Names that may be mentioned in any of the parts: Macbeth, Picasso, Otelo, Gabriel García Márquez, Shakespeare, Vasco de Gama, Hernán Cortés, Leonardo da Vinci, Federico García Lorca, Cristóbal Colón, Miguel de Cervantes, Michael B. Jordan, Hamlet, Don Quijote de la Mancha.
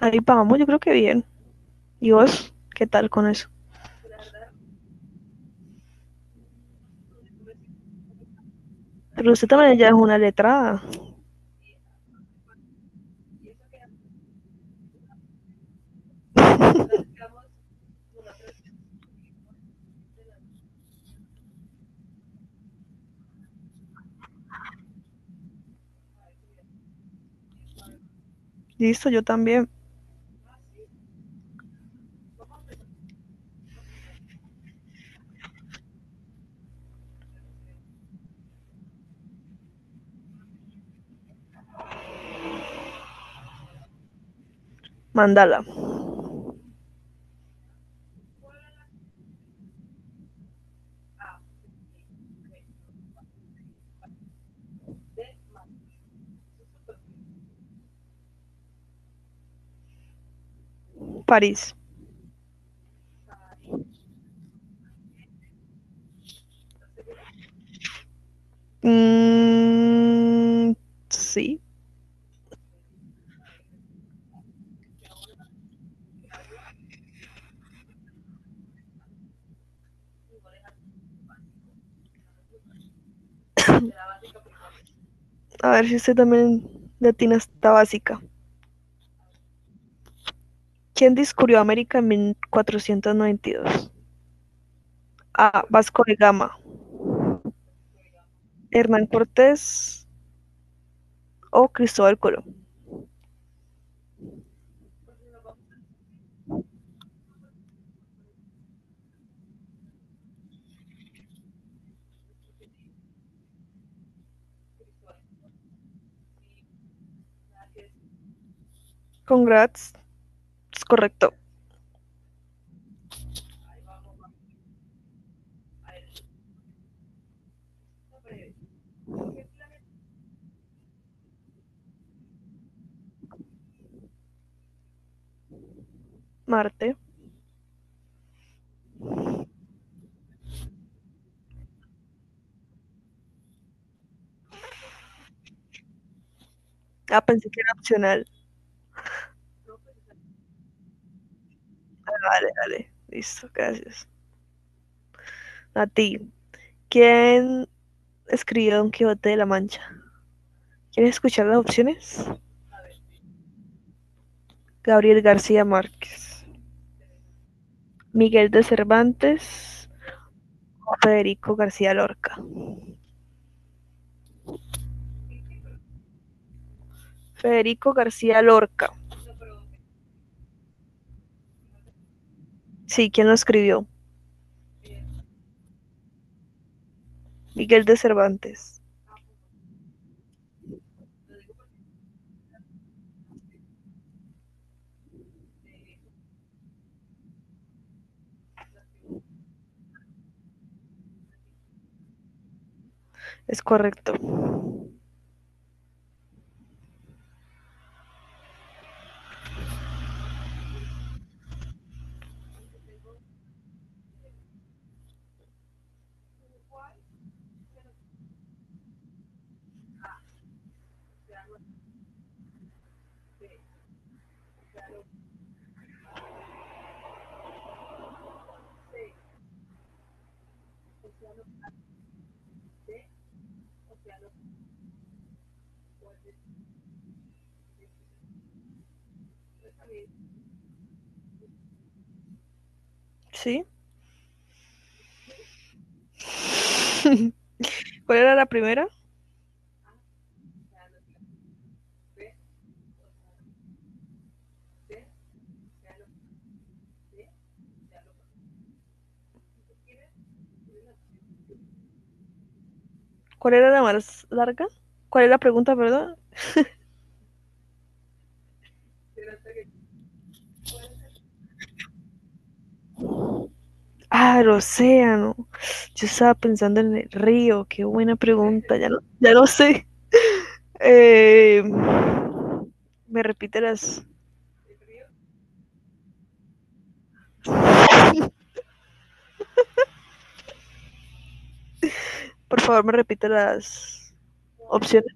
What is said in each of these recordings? Ahí vamos, yo creo que bien. ¿Y vos qué tal con eso? Pero usted también ya es una letrada. Listo, yo también. Mandala, París. Mm, sí, a ver si usted también latina está básica. ¿Quién descubrió América en 1492? A, Vasco de Gama, Hernán Cortés o Cristóbal Colón. Congrats, es correcto. Marte. Ah, pensé que era opcional. Dale, dale, listo, gracias. A ti. ¿Quién escribió Don Quijote de la Mancha? ¿Quieres escuchar las opciones? Gabriel García Márquez, Miguel de Cervantes, Federico García Lorca. Federico García Lorca. Sí, ¿quién lo escribió? Miguel de Cervantes. Es correcto. ¿Sí? ¿Cuál era la primera? ¿Cuál era la más larga? ¿Cuál es la pregunta, perdón? Ah, el océano. Yo estaba pensando en el río. Qué buena pregunta. Ya no, ya no sé. Eh, ¿Me repite las? Por favor, me repite las opciones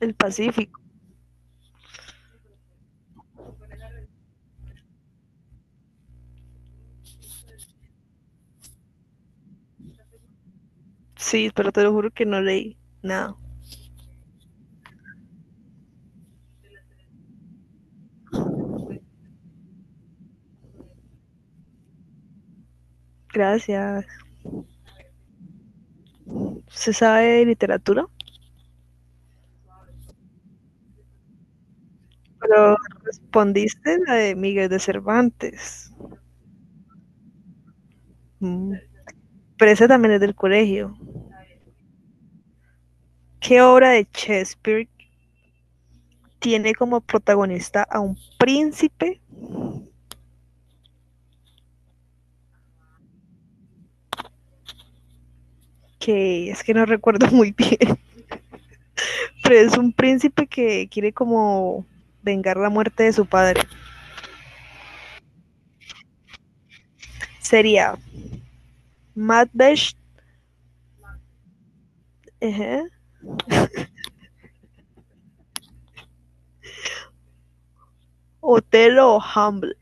del Pacífico. Sí, pero te lo juro que no leí nada. Gracias. ¿Se sabe de literatura? Pero respondiste la de Miguel de Cervantes. Mm. Pero esa también es del colegio. ¿Qué obra de Shakespeare tiene como protagonista a un príncipe? Que es que no recuerdo muy bien, pero es un príncipe que quiere como vengar la muerte de su padre. Sería Macbeth, ajá, Otelo, Hamlet.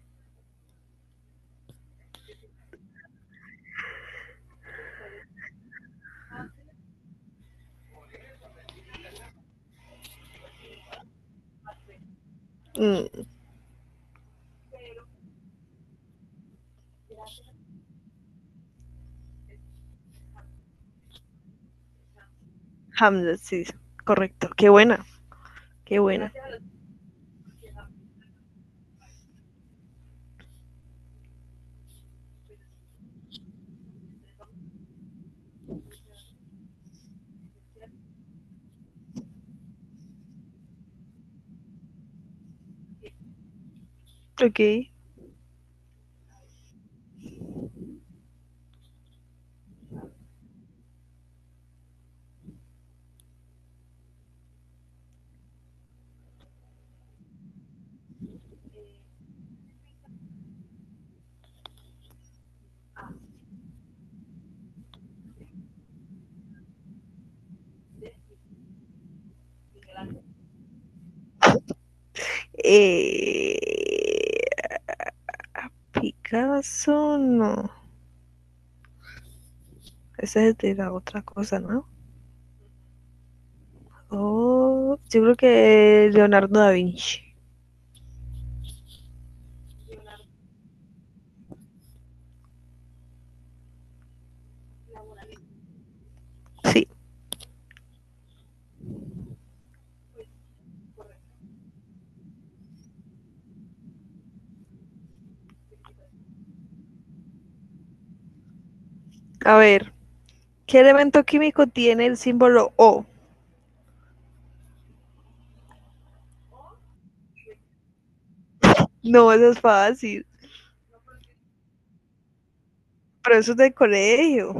Mm, Hamlet, sí, correcto. Qué buena, qué buena. Ok. Eh, Picasso, no. Esa es de la otra cosa, ¿no? Oh, yo creo que Leonardo da Vinci. Sí, a ver. ¿Qué elemento químico tiene el símbolo O? No, eso es fácil. Pero eso es del colegio.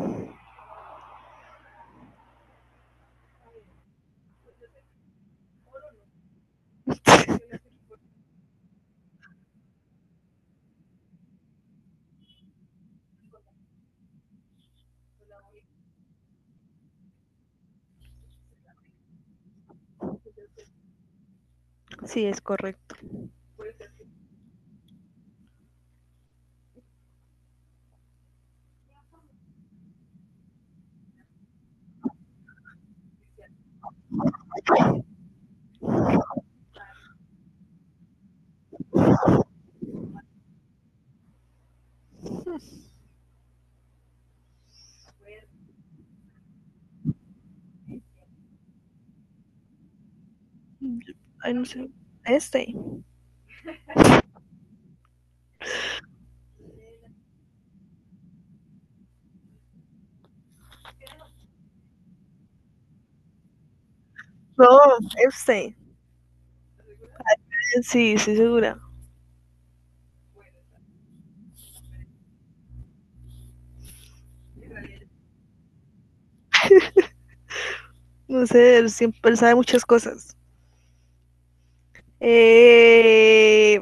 Sí, es correcto. Ay, no sé. Este. No, este. Sí, estoy segura. No sé, él siempre él sabe muchas cosas. Eh,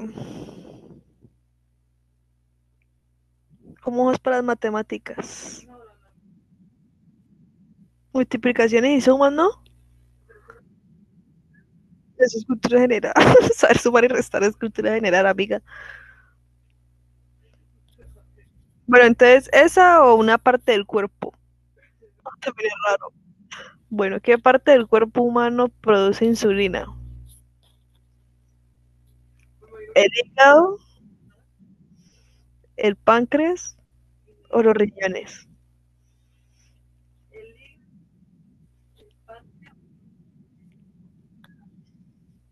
¿Cómo es para las matemáticas? Multiplicaciones y sumas, ¿no? Eso es cultura general. Saber sumar y restar es cultura general, amiga. Bueno, entonces, ¿esa o una parte del cuerpo? También es raro. Bueno, ¿qué parte del cuerpo humano produce insulina? ¿El hígado, el páncreas o los riñones?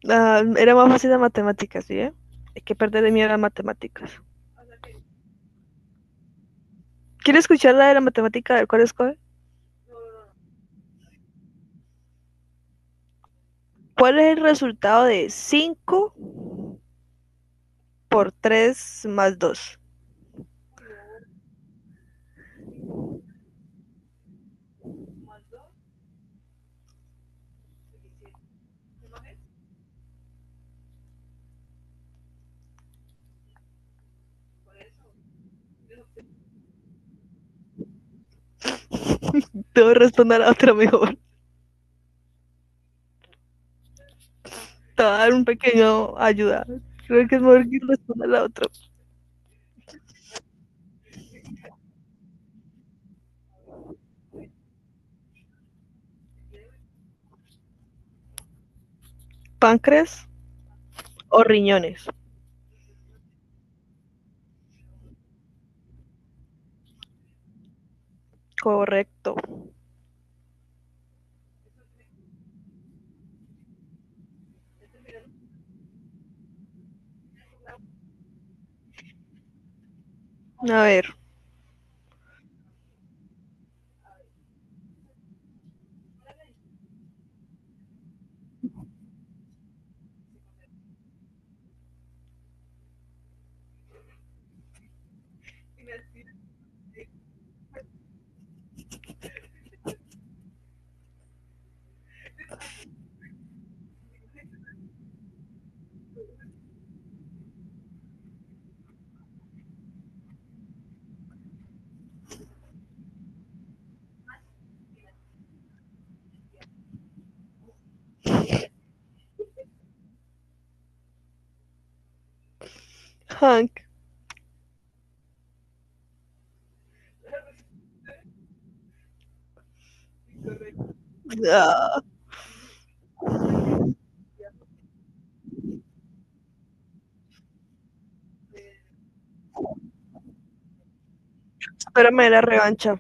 Ah, era más fácil las matemáticas, ¿sí, eh? Hay que perder de miedo a las matemáticas. ¿Quiere escuchar la de la matemática del cual escoge? ¿Cuál es el resultado de 5 por 3 más 2? Debo responder a la otra mejor. Te voy a dar un pequeño ayuda. Creo que es mejor que responda a la otra. ¿Páncreas o riñones? Correcto. A ver, Hank. Ah, espérame la revancha.